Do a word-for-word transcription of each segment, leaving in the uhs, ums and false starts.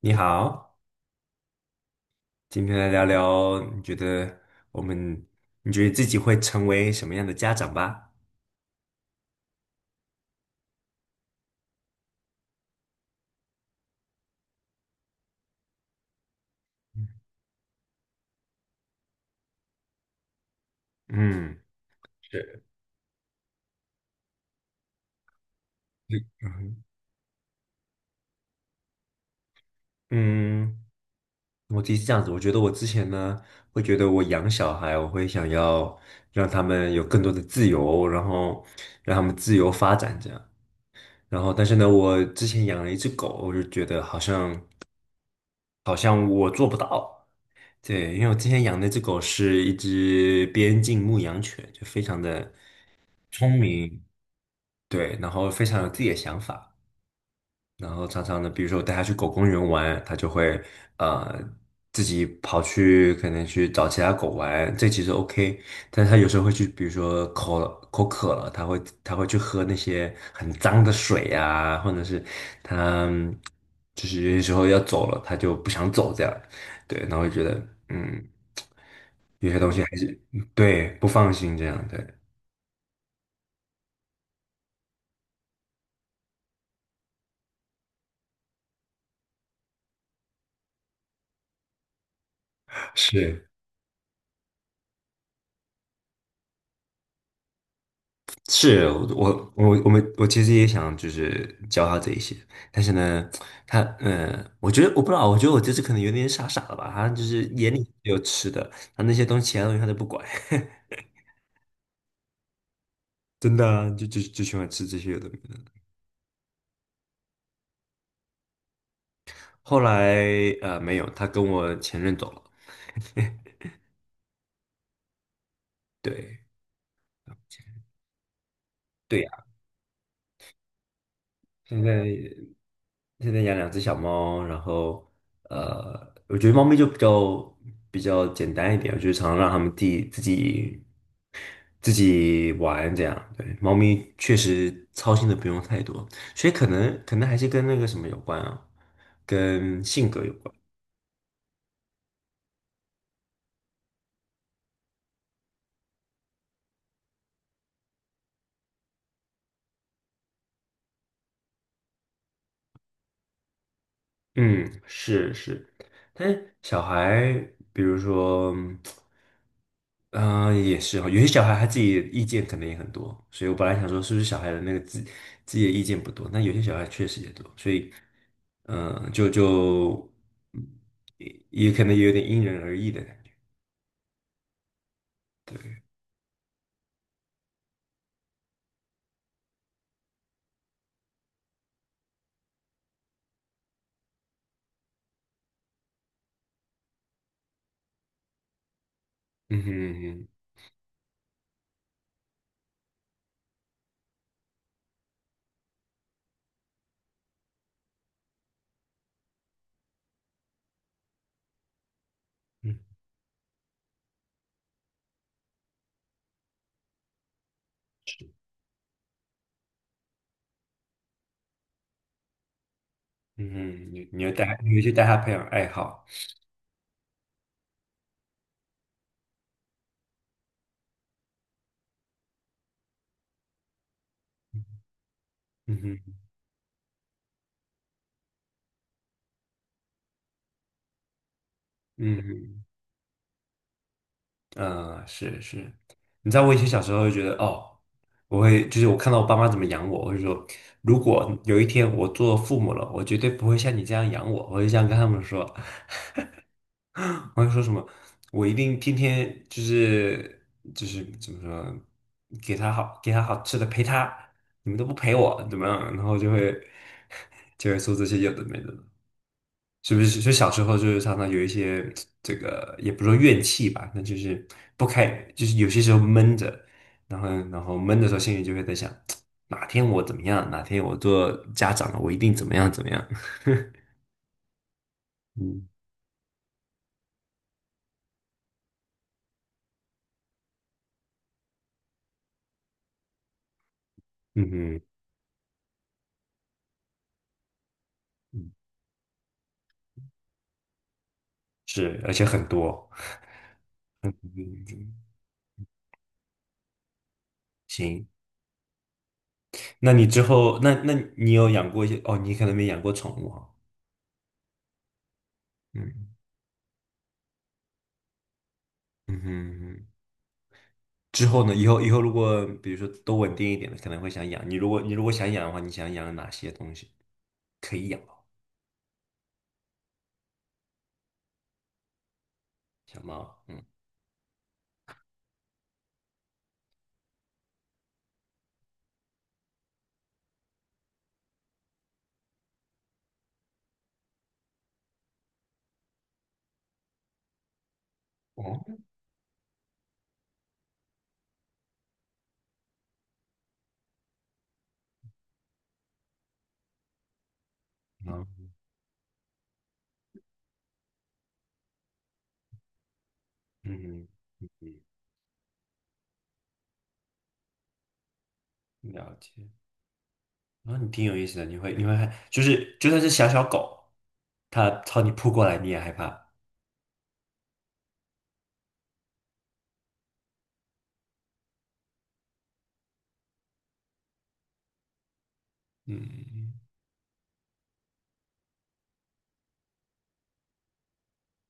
你好，今天来聊聊，你觉得我们，你觉得自己会成为什么样的家长吧？嗯，是，嗯，我自己是这样子，我觉得我之前呢，会觉得我养小孩，我会想要让他们有更多的自由，然后让他们自由发展这样。然后，但是呢，我之前养了一只狗，我就觉得好像好像我做不到。对，因为我之前养那只狗是一只边境牧羊犬，就非常的聪明。对，然后非常有自己的想法，然后常常呢，比如说我带他去狗公园玩，他就会呃自己跑去可能去找其他狗玩，这其实 OK，但是他有时候会去，比如说口口渴了，他会他会去喝那些很脏的水呀，或者是他就是有些时候要走了，他就不想走这样，对，然后就觉得嗯有些东西还是对不放心这样，对，是。是我我我们我其实也想就是教他这一些，但是呢，他嗯，我觉得我不知道，我觉得我这次可能有点傻傻了吧，他就是眼里只有吃的，他那些东西其他东西他都不管，真的啊就就就喜欢吃这些有的没的。后来呃没有，他跟我前任走了，对。对呀，现在现在养两只小猫，然后呃，我觉得猫咪就比较比较简单一点，我就常常让它们自己自己自己玩这样。对，猫咪确实操心的不用太多，所以可能可能还是跟那个什么有关啊，跟性格有关。嗯，是是，但是小孩，比如说。嗯、也是哈，有些小孩他自己的意见可能也很多，所以我本来想说是不是小孩的那个自自己的意见不多，但有些小孩确实也多，所以，嗯、呃就就嗯也也可能有点因人而异的感觉。嗯哼，嗯哼。嗯嗯哼，你你要带他，你要去带他培养爱好。嗯哼。嗯哼。嗯，是是。你知道我以前小时候就觉得，哦，我会就是我看到我爸妈怎么养我，我会说，如果有一天我做父母了，我绝对不会像你这样养我，我就这样跟他们说，我会说什么，我一定天天就是就是怎么说，给他好给他好吃的陪他，你们都不陪我怎么样，然后就会 就会说这些有的没的，是不是？就小时候就是常常有一些这个，也不说怨气吧，那就是不开，就是有些时候闷着，然后然后闷的时候，心里就会在想，哪天我怎么样，哪天我做家长了，我一定怎么样怎么样。嗯嗯哼。嗯，是，而且很多。嗯，行。那你之后，那那你有养过一些？哦，你可能没养过宠物哈。嗯，嗯哼。嗯。之后呢？以后以后如果比如说都稳定一点的，可能会想养。你如果你如果想养的话，你想养哪些东西？可以养猫。小猫，嗯，哦，嗯嗯嗯，了解。然后你挺有意思的，你会你会害，就是就算是小小狗，它朝你扑过来，你也害怕。嗯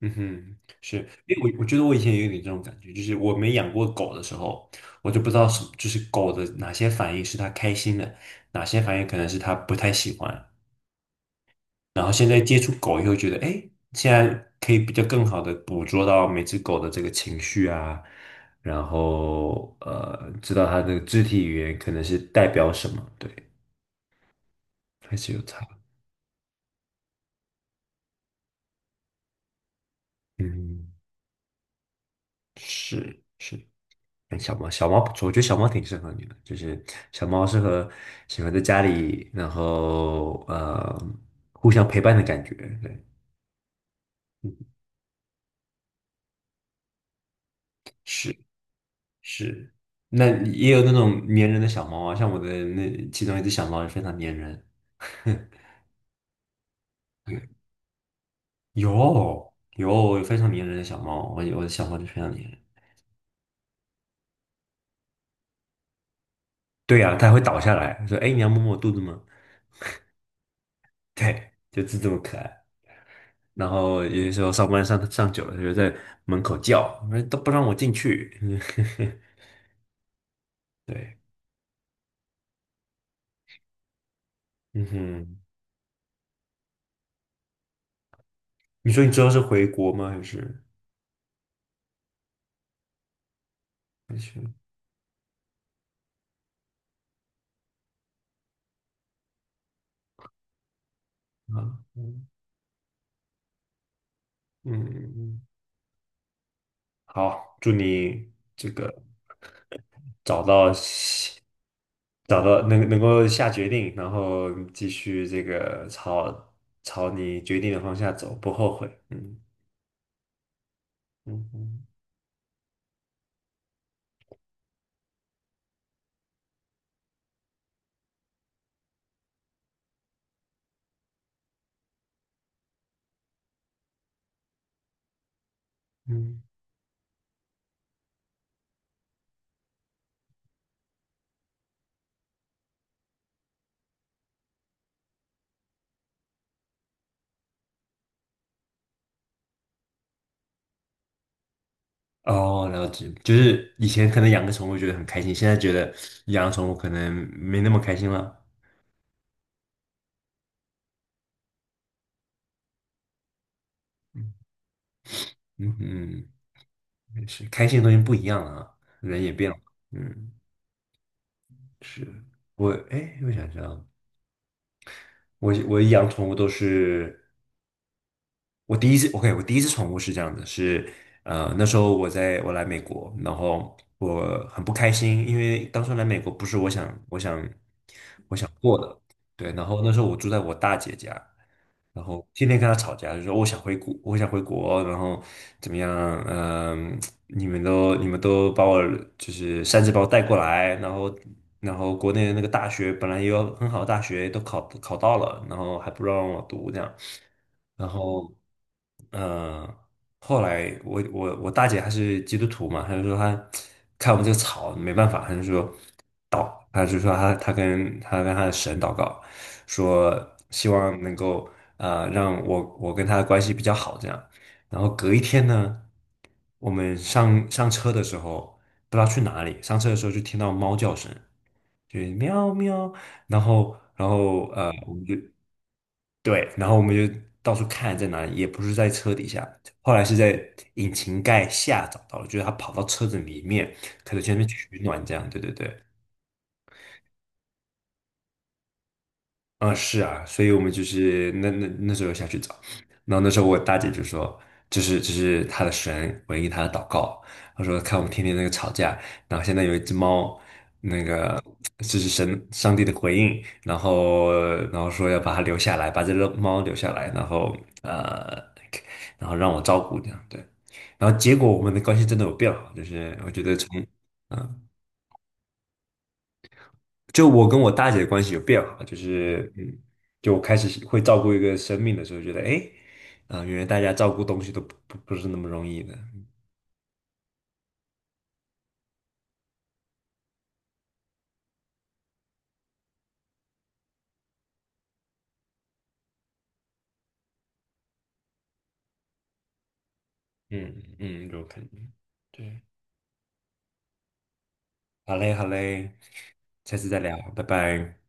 嗯哼，是，因为我我觉得我以前也有点这种感觉，就是我没养过狗的时候，我就不知道什么，就是狗的哪些反应是它开心的，哪些反应可能是它不太喜欢。然后现在接触狗以后，觉得哎，现在可以比较更好的捕捉到每只狗的这个情绪啊，然后呃，知道它的肢体语言可能是代表什么，对，还是有差。嗯，是是。哎小猫，小猫不错，我觉得小猫挺适合你的，就是小猫适合喜欢在家里，然后呃，互相陪伴的感觉，对，是是。那也有那种粘人的小猫啊，像我的那其中一只小猫也非常粘人，有，有有非常粘人的小猫，我我的小猫就非常粘人。对呀、啊，它会倒下来说："哎，你要摸摸我肚子吗？"对，就是这么可爱。然后有些时候上班上上久了，它就在门口叫，都不让我进去。对。嗯哼，你说你之后是回国吗？还是还是啊？嗯嗯，嗯嗯。好，祝你这个找到喜找到能能够下决定，然后继续这个朝朝你决定的方向走，不后悔。嗯。嗯嗯嗯。哦，了解，就是以前可能养个宠物觉得很开心，现在觉得养宠物可能没那么开心了。嗯嗯，也是开心的东西不一样了啊，人也变了。嗯，是。我哎，我想想，我我养宠物都是。我第一次，OK,我第一次宠物是这样的，是呃那时候我在我来美国，然后我很不开心，因为当初来美国不是我想我想。对，然后那时候我住在我大姐家，然后天天跟她吵架，就说我想回国，我想回国，然后怎么样？嗯、你们都你们都把我就是擅自把我带过来，然后然后国内的那个大学本来也有很好的大学，都考考到了，然后还不让我读这样，然后嗯、呃后来我我我大姐她是基督徒嘛，她就说她看我们这个吵没办法，她就说。他就说他他跟他跟他的神祷告，说希望能够呃让我我跟他的关系比较好这样。然后隔一天呢，我们上上车的时候不知道去哪里，上车的时候就听到猫叫声，就是喵喵。然后然后呃我们就对，然后我们就到处看在哪里，也不是在车底下，后来是在引擎盖下找到了，就是他跑到车子里面，可能前面取暖这样。对对对。啊，是啊，所以我们就是那那那时候下去找，然后那时候我大姐就说，这是这是她的神回应她的祷告，她说看我们天天那个吵架，然后现在有一只猫，那个这是神上帝的回应，然后然后说要把它留下来，把这个猫留下来，然后呃，然后让我照顾这样，对，然后结果我们的关系真的有变好，就是我觉得从。嗯，就我跟我大姐的关系有变好，就是嗯，就我开始会照顾一个生命的时候，觉得哎，啊、原来大家照顾东西都不不不是那么容易的，嗯嗯，有可能，对，好嘞好嘞，下次再聊，拜拜。